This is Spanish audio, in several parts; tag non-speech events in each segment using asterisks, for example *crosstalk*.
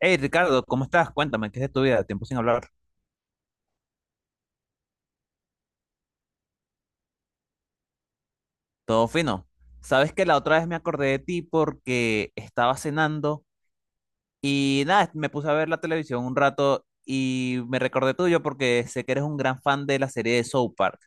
Hey Ricardo, ¿cómo estás? Cuéntame, ¿qué es de tu vida? Tiempo sin hablar. Todo fino. Sabes que la otra vez me acordé de ti porque estaba cenando y nada, me puse a ver la televisión un rato y me recordé tuyo porque sé que eres un gran fan de la serie de South Park.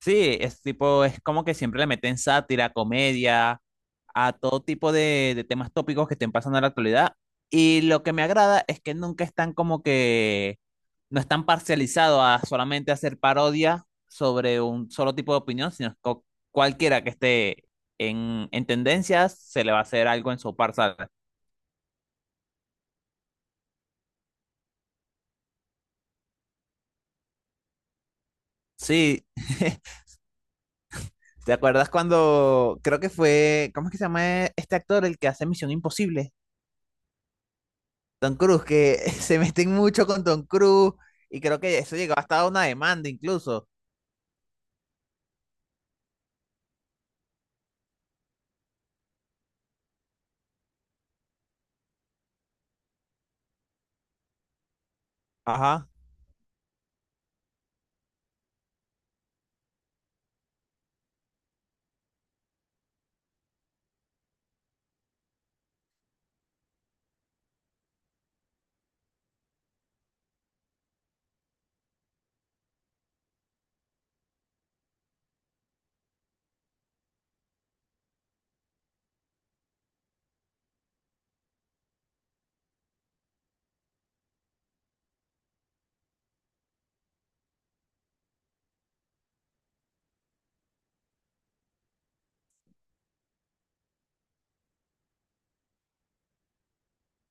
Sí, es tipo, es como que siempre le meten sátira, comedia a todo tipo de temas tópicos que estén pasando en la actualidad. Y lo que me agrada es que nunca están como que, no están parcializados a solamente hacer parodia sobre un solo tipo de opinión, sino que cualquiera que esté en tendencias se le va a hacer algo en su parza. Sí, *laughs* ¿te acuerdas cuando creo que fue, ¿cómo es que se llama este actor el que hace Misión Imposible? Tom Cruise, que *laughs* se meten mucho con Tom Cruise y creo que eso llegó hasta a una demanda incluso. Ajá.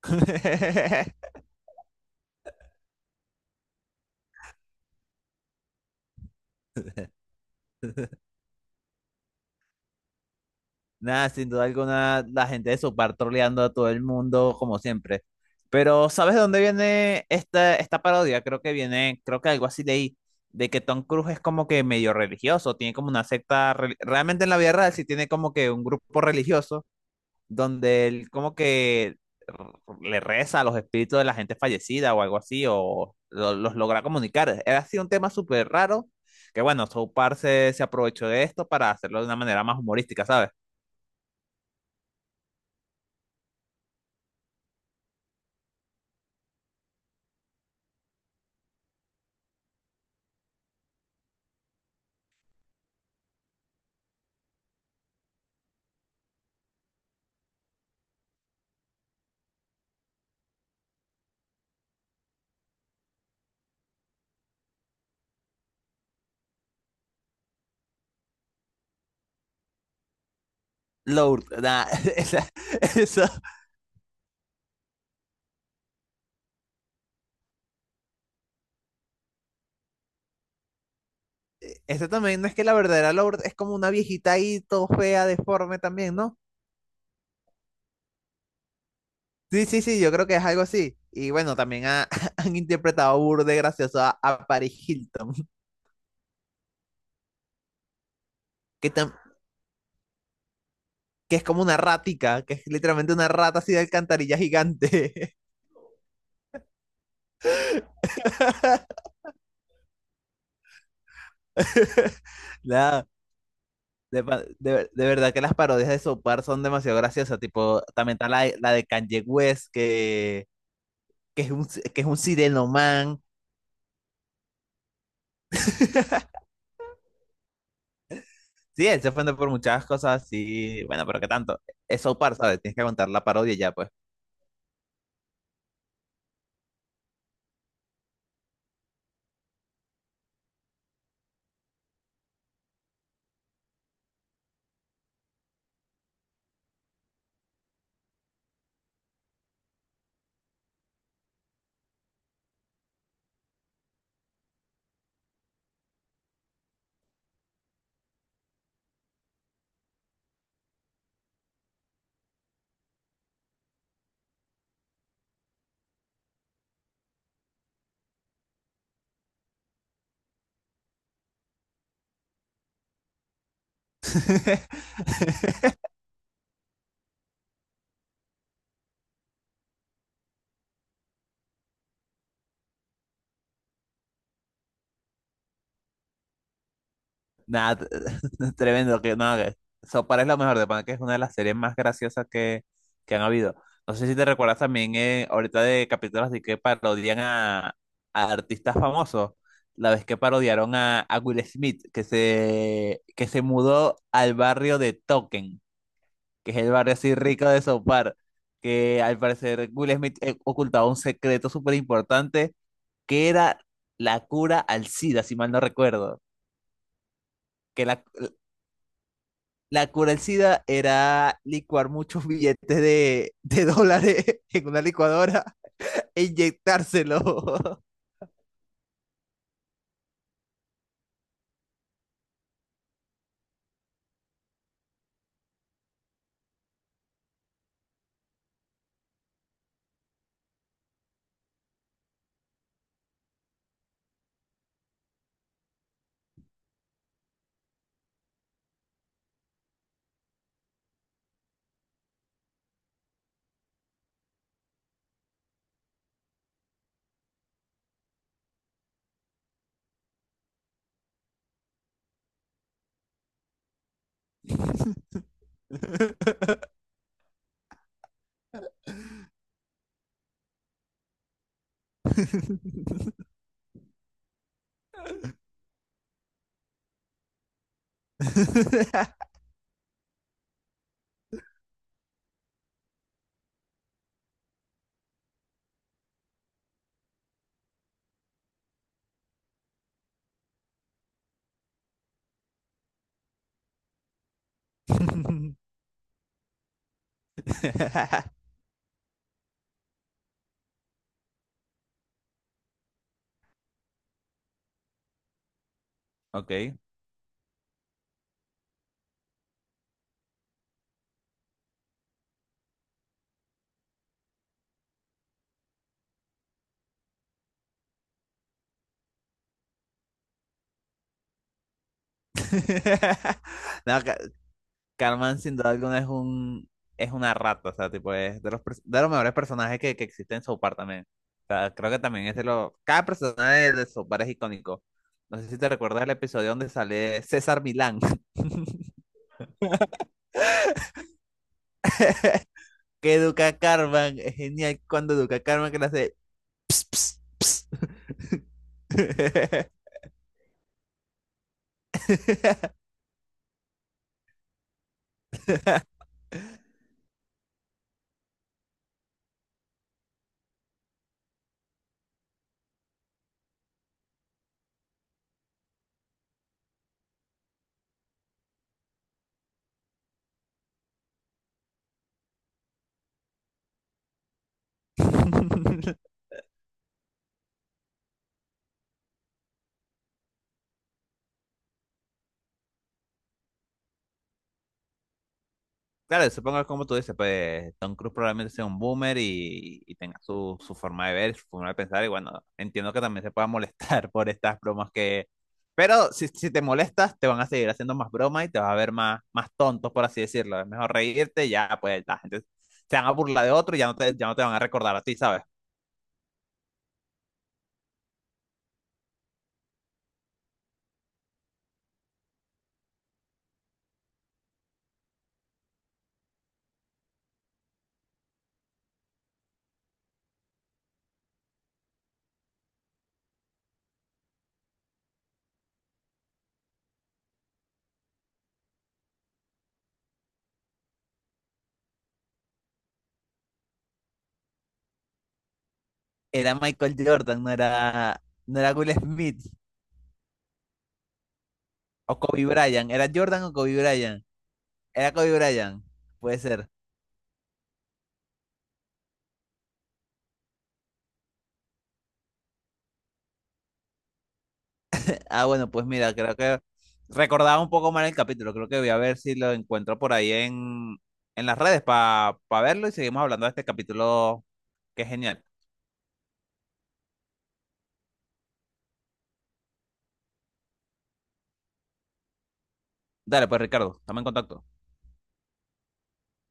*laughs* Nada, sin duda alguna, la gente de Sopar troleando a todo el mundo, como siempre. Pero ¿sabes de dónde viene esta parodia? Creo que viene, creo que algo así leí, de que Tom Cruise es como que medio religioso, tiene como una secta, realmente en la vida real sí tiene como que un grupo religioso donde él como que le reza a los espíritus de la gente fallecida o algo así, o los logra comunicar. Era así un tema súper raro, que bueno, South Park se aprovechó de esto para hacerlo de una manera más humorística, ¿sabes? Lourdes, nah, *laughs* esa- eso, eso también no es que la verdadera Lourdes es como una viejita ahí, todo fea, deforme también, ¿no? Sí, sí, sí, yo creo que es algo así. Y bueno, también *laughs* han interpretado burde gracioso a Paris Hilton, que, tam- que es como una ratica, que es literalmente una rata así de alcantarilla gigante. *laughs* Nada, de, de verdad que las parodias de Sopar son demasiado graciosas. Tipo, también está la de Kanye West, que es un sirenoman. Sí, él se ofende por muchas cosas, sí. Bueno, pero qué tanto. Es Sopar, ¿sabes? Tienes que aguantar la parodia y ya, pues. *laughs* Nada, *laughs* tremendo que no, que Sopar es lo mejor de pana, que es una de las series más graciosas que han habido. No sé si te recuerdas también ahorita de capítulos de que parodian a artistas famosos. La vez que parodiaron a Will Smith, que que se mudó al barrio de Token, que es el barrio así rico de Sopar, que al parecer Will Smith ocultaba un secreto súper importante, que era la cura al SIDA, si mal no recuerdo que La cura del SIDA era licuar muchos billetes de dólares *laughs* en una licuadora e inyectárselo. *laughs* Ok. No, Cartman sin duda alguna es un es una rata, o sea, tipo es de de los mejores personajes que existen en South Park también. O sea, creo que también es de los cada personaje de South Park es icónico. No sé si te recuerdas el episodio donde sale César Milán, *laughs* que educa a Cartman, es genial cuando educa a Cartman que le hace ps, ps, ps. *laughs* Claro, supongo que como tú dices, pues Tom Cruise probablemente sea un boomer y tenga su forma de ver, su forma de pensar, y bueno, entiendo que también se pueda molestar *laughs* por estas bromas que... Pero si te molestas, te van a seguir haciendo más bromas y te vas a ver más tontos, por así decirlo. Es mejor reírte, ya pues la gente se van a burlar de otro y ya no ya no te van a recordar a ti, ¿sabes? Era Michael Jordan, no era, no era Will Smith o Kobe Bryant. ¿Era Jordan o Kobe Bryant? Era Kobe Bryant, puede ser. Ah, bueno, pues mira, creo que recordaba un poco mal el capítulo. Creo que voy a ver si lo encuentro por ahí en las redes para verlo y seguimos hablando de este capítulo que es genial. Dale, pues Ricardo, estamos en contacto.